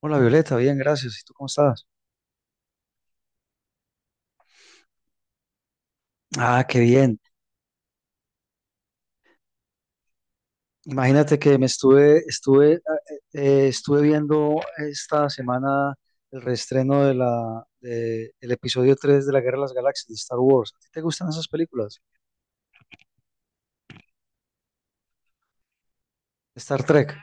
Hola Violeta, bien, gracias. ¿Y tú cómo estás? Ah, qué bien. Imagínate que me estuve viendo esta semana el reestreno el episodio 3 de la Guerra de las Galaxias de Star Wars. ¿A ti te gustan esas películas? Star Trek.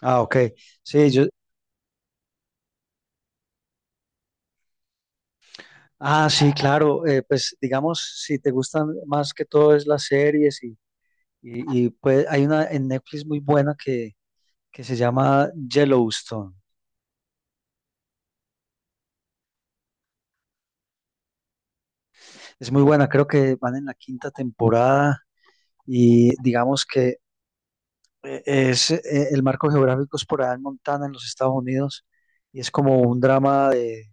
Ah, ok. Sí, yo, ah, sí, claro. Pues digamos, si te gustan más que todo es las series y pues hay una en Netflix muy buena que se llama Yellowstone. Es muy buena, creo que van en la quinta temporada y digamos que el marco geográfico es por allá en Montana, en los Estados Unidos, y es como un drama de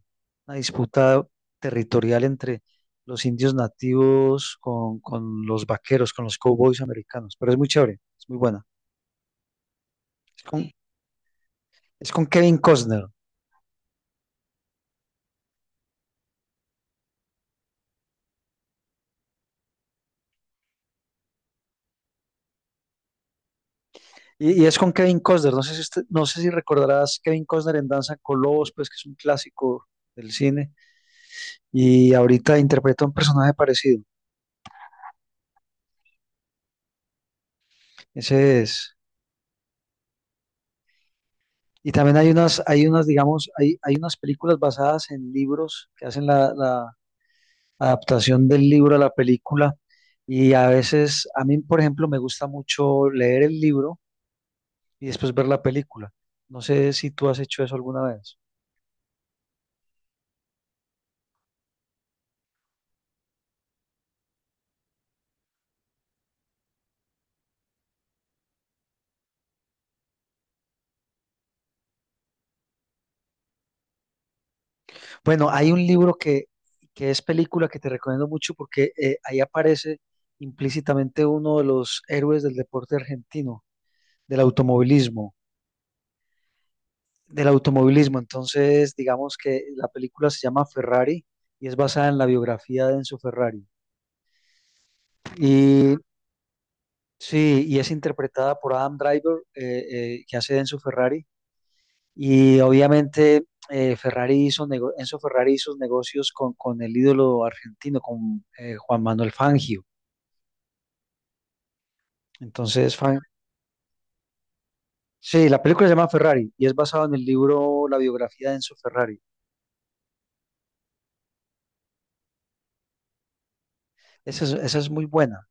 una disputa territorial entre los indios nativos con los vaqueros, con los cowboys americanos, pero es muy chévere, es muy buena. Es con, es con Kevin Costner. Y es con Kevin Costner, no sé si no sé si recordarás Kevin Costner en Danza con Lobos, pues que es un clásico del cine, y ahorita interpreta un personaje parecido. Ese es. Y también digamos, hay unas películas basadas en libros que hacen la adaptación del libro a la película. Y a veces, a mí, por ejemplo, me gusta mucho leer el libro y después ver la película. No sé si tú has hecho eso alguna vez. Bueno, hay un libro que es película que te recomiendo mucho porque ahí aparece implícitamente uno de los héroes del deporte argentino, del automovilismo. Del automovilismo. Entonces, digamos que la película se llama Ferrari y es basada en la biografía de Enzo Ferrari. Y sí, y es interpretada por Adam Driver, que hace de Enzo Ferrari. Y obviamente Enzo Ferrari hizo negocios con el ídolo argentino, con Juan Manuel Fangio. Entonces, sí, la película se llama Ferrari y es basada en el libro La biografía de Enzo Ferrari. Esa es muy buena.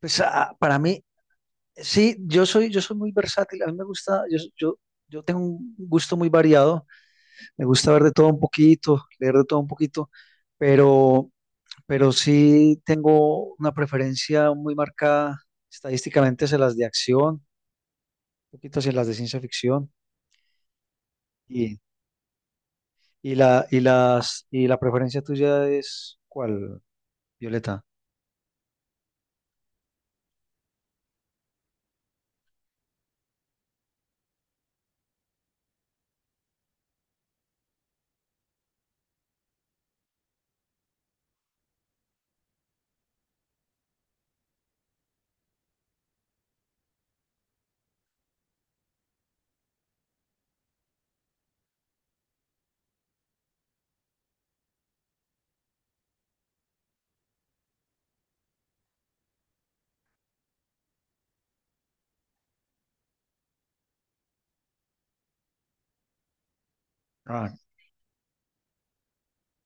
Pues ah, para mí, sí, yo soy muy versátil. A mí me gusta, yo tengo un gusto muy variado. Me gusta ver de todo un poquito, leer de todo un poquito, pero, pero sí tengo una preferencia muy marcada estadísticamente hacia las de acción, un poquito hacia las de ciencia ficción. Y, y la preferencia tuya es ¿cuál, Violeta? Ah,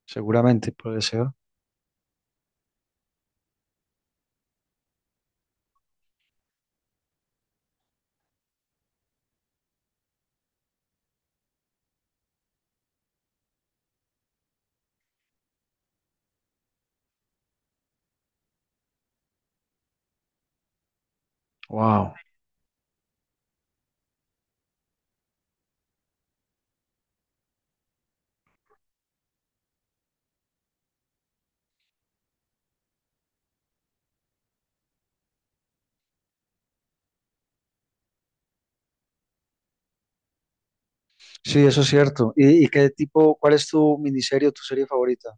seguramente, puede ser. Wow. Sí, eso es cierto. ¿Y cuál es tu miniserie o tu serie favorita?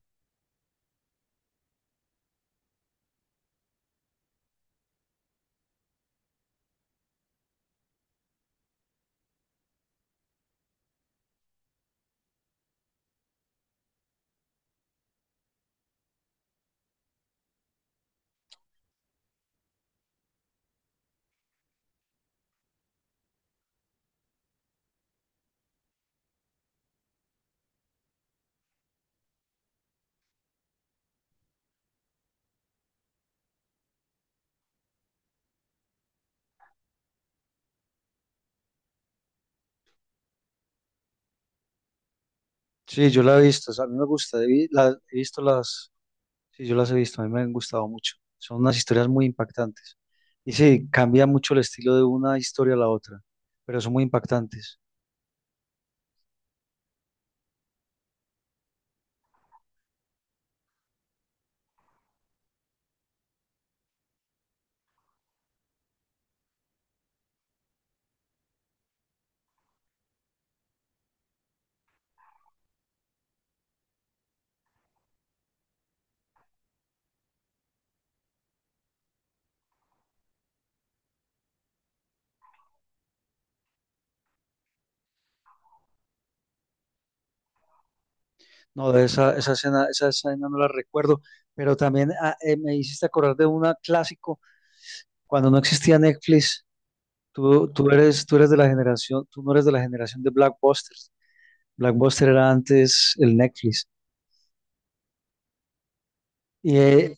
Sí, yo la he visto, o sea, a mí me gusta, he visto las, sí, yo las he visto, a mí me han gustado mucho. Son unas historias muy impactantes. Y sí, cambia mucho el estilo de una historia a la otra, pero son muy impactantes. No, de esa escena no la recuerdo, pero también me hiciste acordar de una clásico, cuando no existía Netflix, tú eres de la generación, tú no eres de la generación de Blackbuster. Blackbuster era antes el Netflix. Y eh,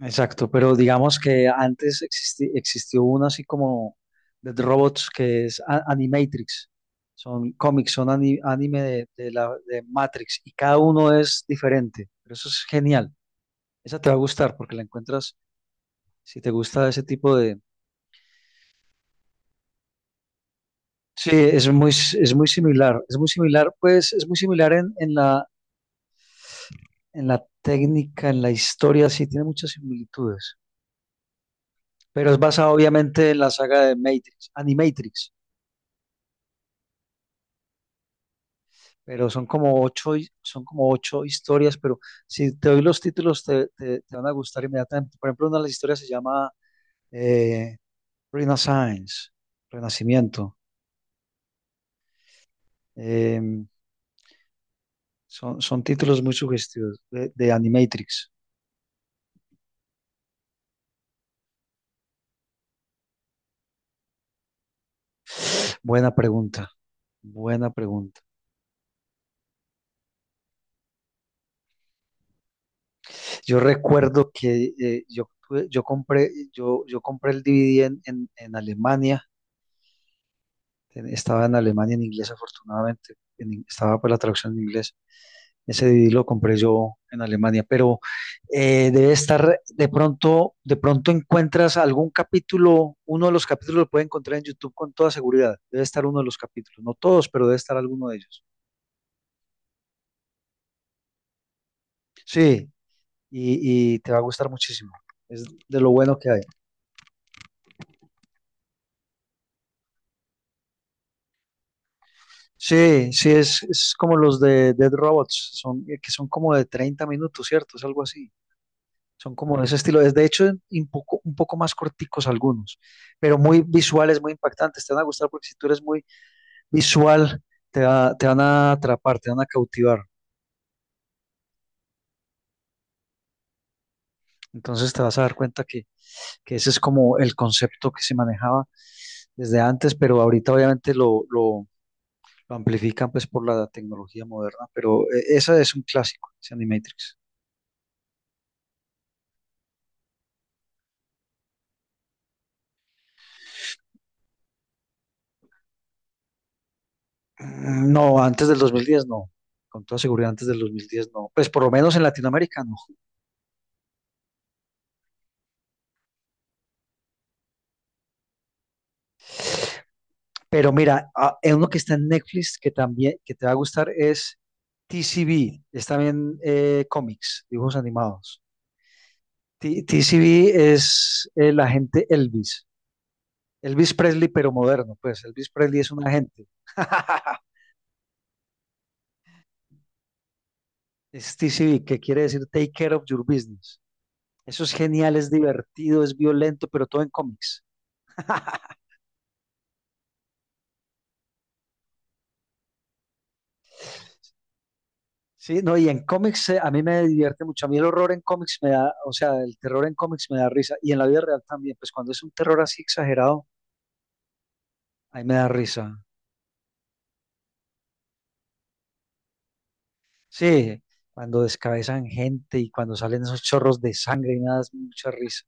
Exacto, pero digamos que antes existió una así como de robots que es Animatrix. Son cómics, son anime de Matrix y cada uno es diferente. Pero eso es genial. Esa te va a gustar porque la encuentras si te gusta ese tipo de... Sí, es muy similar. Es muy similar, pues es muy similar en la técnica, en la historia, sí, tiene muchas similitudes. Pero es basado obviamente en la saga de Matrix, Animatrix. Pero son como ocho historias, pero si te doy los títulos te van a gustar inmediatamente. Por ejemplo, una de las historias se llama eh, Renaissance, Renacimiento. Em, son títulos muy sugestivos de Animatrix. Buena pregunta, buena pregunta. Yo recuerdo que yo, tuve- yo compré, yo compré el DVD en, en Alemania. Estaba en Alemania en inglés, afortunadamente. Estaba por la traducción en inglés. Ese DVD lo compré yo en Alemania, pero debe estar, de pronto encuentras algún capítulo, uno de los capítulos lo puede encontrar en YouTube con toda seguridad. Debe estar uno de los capítulos, no todos, pero debe estar alguno de ellos. Sí, y te va a gustar muchísimo. Es de lo bueno que hay. Sí, sí, es como los de Dead Robots, son, que son como de 30 minutos, ¿cierto? Es algo así. Son como de ese estilo. Es de hecho un poco más corticos algunos, pero muy visuales, muy impactantes. Te van a gustar porque si tú eres muy visual, te van a atrapar, te van a cautivar. Entonces te vas a dar cuenta que ese es como el concepto que se manejaba desde antes, pero ahorita obviamente lo amplifican pues por la tecnología moderna. Pero esa es un clásico, ese Animatrix. No, antes del 2010 no. Con toda seguridad antes del 2010 no. Pues por lo menos en Latinoamérica no. Pero mira, ah, hay uno que está en Netflix que también que te va a gustar es TCB, es también cómics, dibujos animados. TCB es el agente Elvis, Elvis Presley pero moderno, pues Elvis Presley es un agente. Es TCB, que quiere decir Take Care of Your Business. Eso es genial, es divertido, es violento, pero todo en cómics. Sí, no, y en cómics a mí me divierte mucho. A mí el horror en cómics me da, o sea, el terror en cómics me da risa. Y en la vida real también, pues cuando es un terror así exagerado, ahí me da risa. Sí, cuando descabezan gente y cuando salen esos chorros de sangre y me da mucha risa.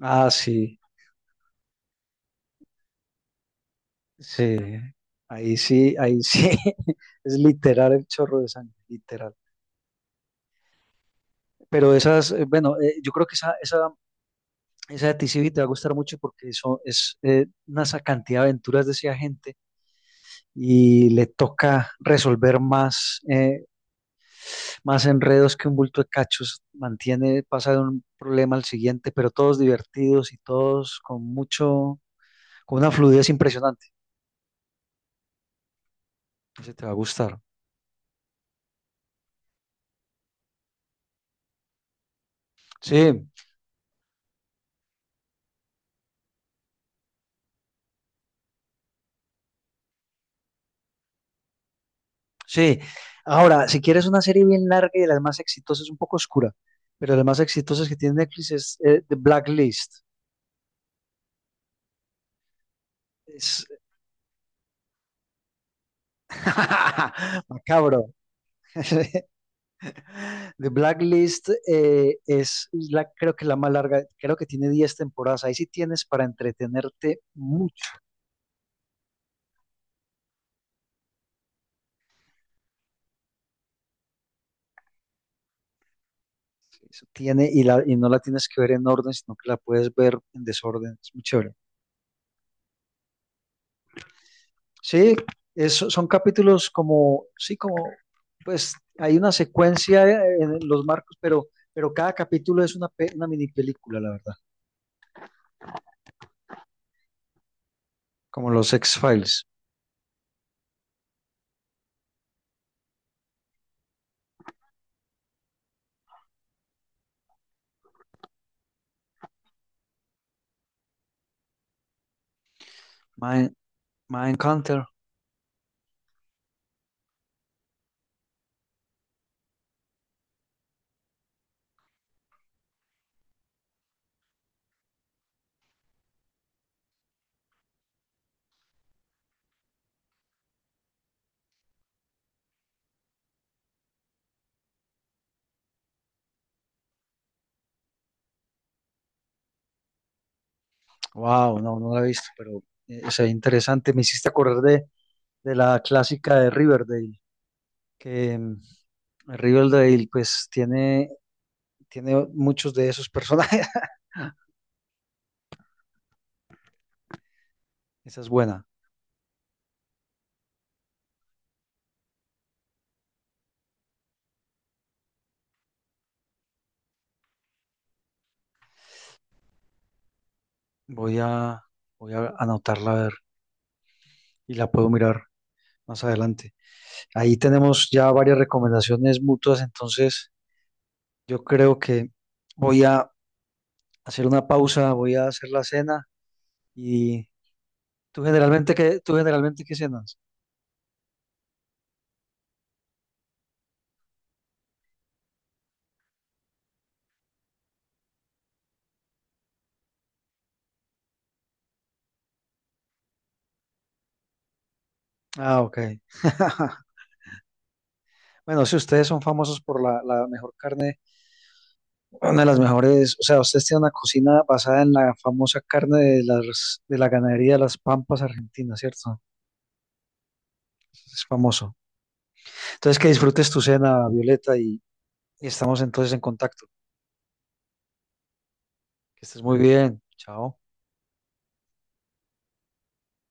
Ah, sí, sí. Ahí sí, ahí sí. Es literal el chorro de sangre, literal. Pero esas, bueno, yo creo que esa de T C TCB te va a gustar mucho porque eso es una cantidad de aventuras de ese agente y le toca resolver más, más enredos que un bulto de cachos. Mantiene, pasa de un problema al siguiente, pero todos divertidos y todos con mucho, con una fluidez impresionante. Ese te va a gustar. Sí, sí. Ahora, si quieres una serie bien larga y de las más exitosas, un poco oscura, pero de las más exitosas que tiene Netflix es The Blacklist. Es macabro. The Blacklist es la, creo que la más larga, creo que tiene 10 temporadas. Ahí sí tienes para entretenerte mucho. Eso tiene, y, la, y no la tienes que ver en orden, sino que la puedes ver en desorden. Es muy chévere. Sí, son capítulos como, sí, como, pues hay una secuencia en los marcos, pero cada capítulo es una mini película, la verdad. Como los X-Files. Mind, Mindhunter. Wow, no, no la he visto, pero es interesante. Me hiciste acordar de la clásica de Riverdale, que Riverdale pues tiene muchos de esos personajes. Esa es buena. Voy a, voy a anotarla a ver y la puedo mirar más adelante. Ahí tenemos ya varias recomendaciones mutuas, entonces yo creo que voy a hacer una pausa, voy a hacer la cena y tú generalmente qué cenas? Ah, ok. Bueno, si ustedes son famosos por la mejor carne. Una de las mejores, o sea, ustedes tienen una cocina basada en la famosa carne de de la ganadería de las Pampas Argentinas, ¿cierto? Es famoso. Entonces, que disfrutes tu cena, Violeta, y estamos entonces en contacto. Que estés muy bien. Chao.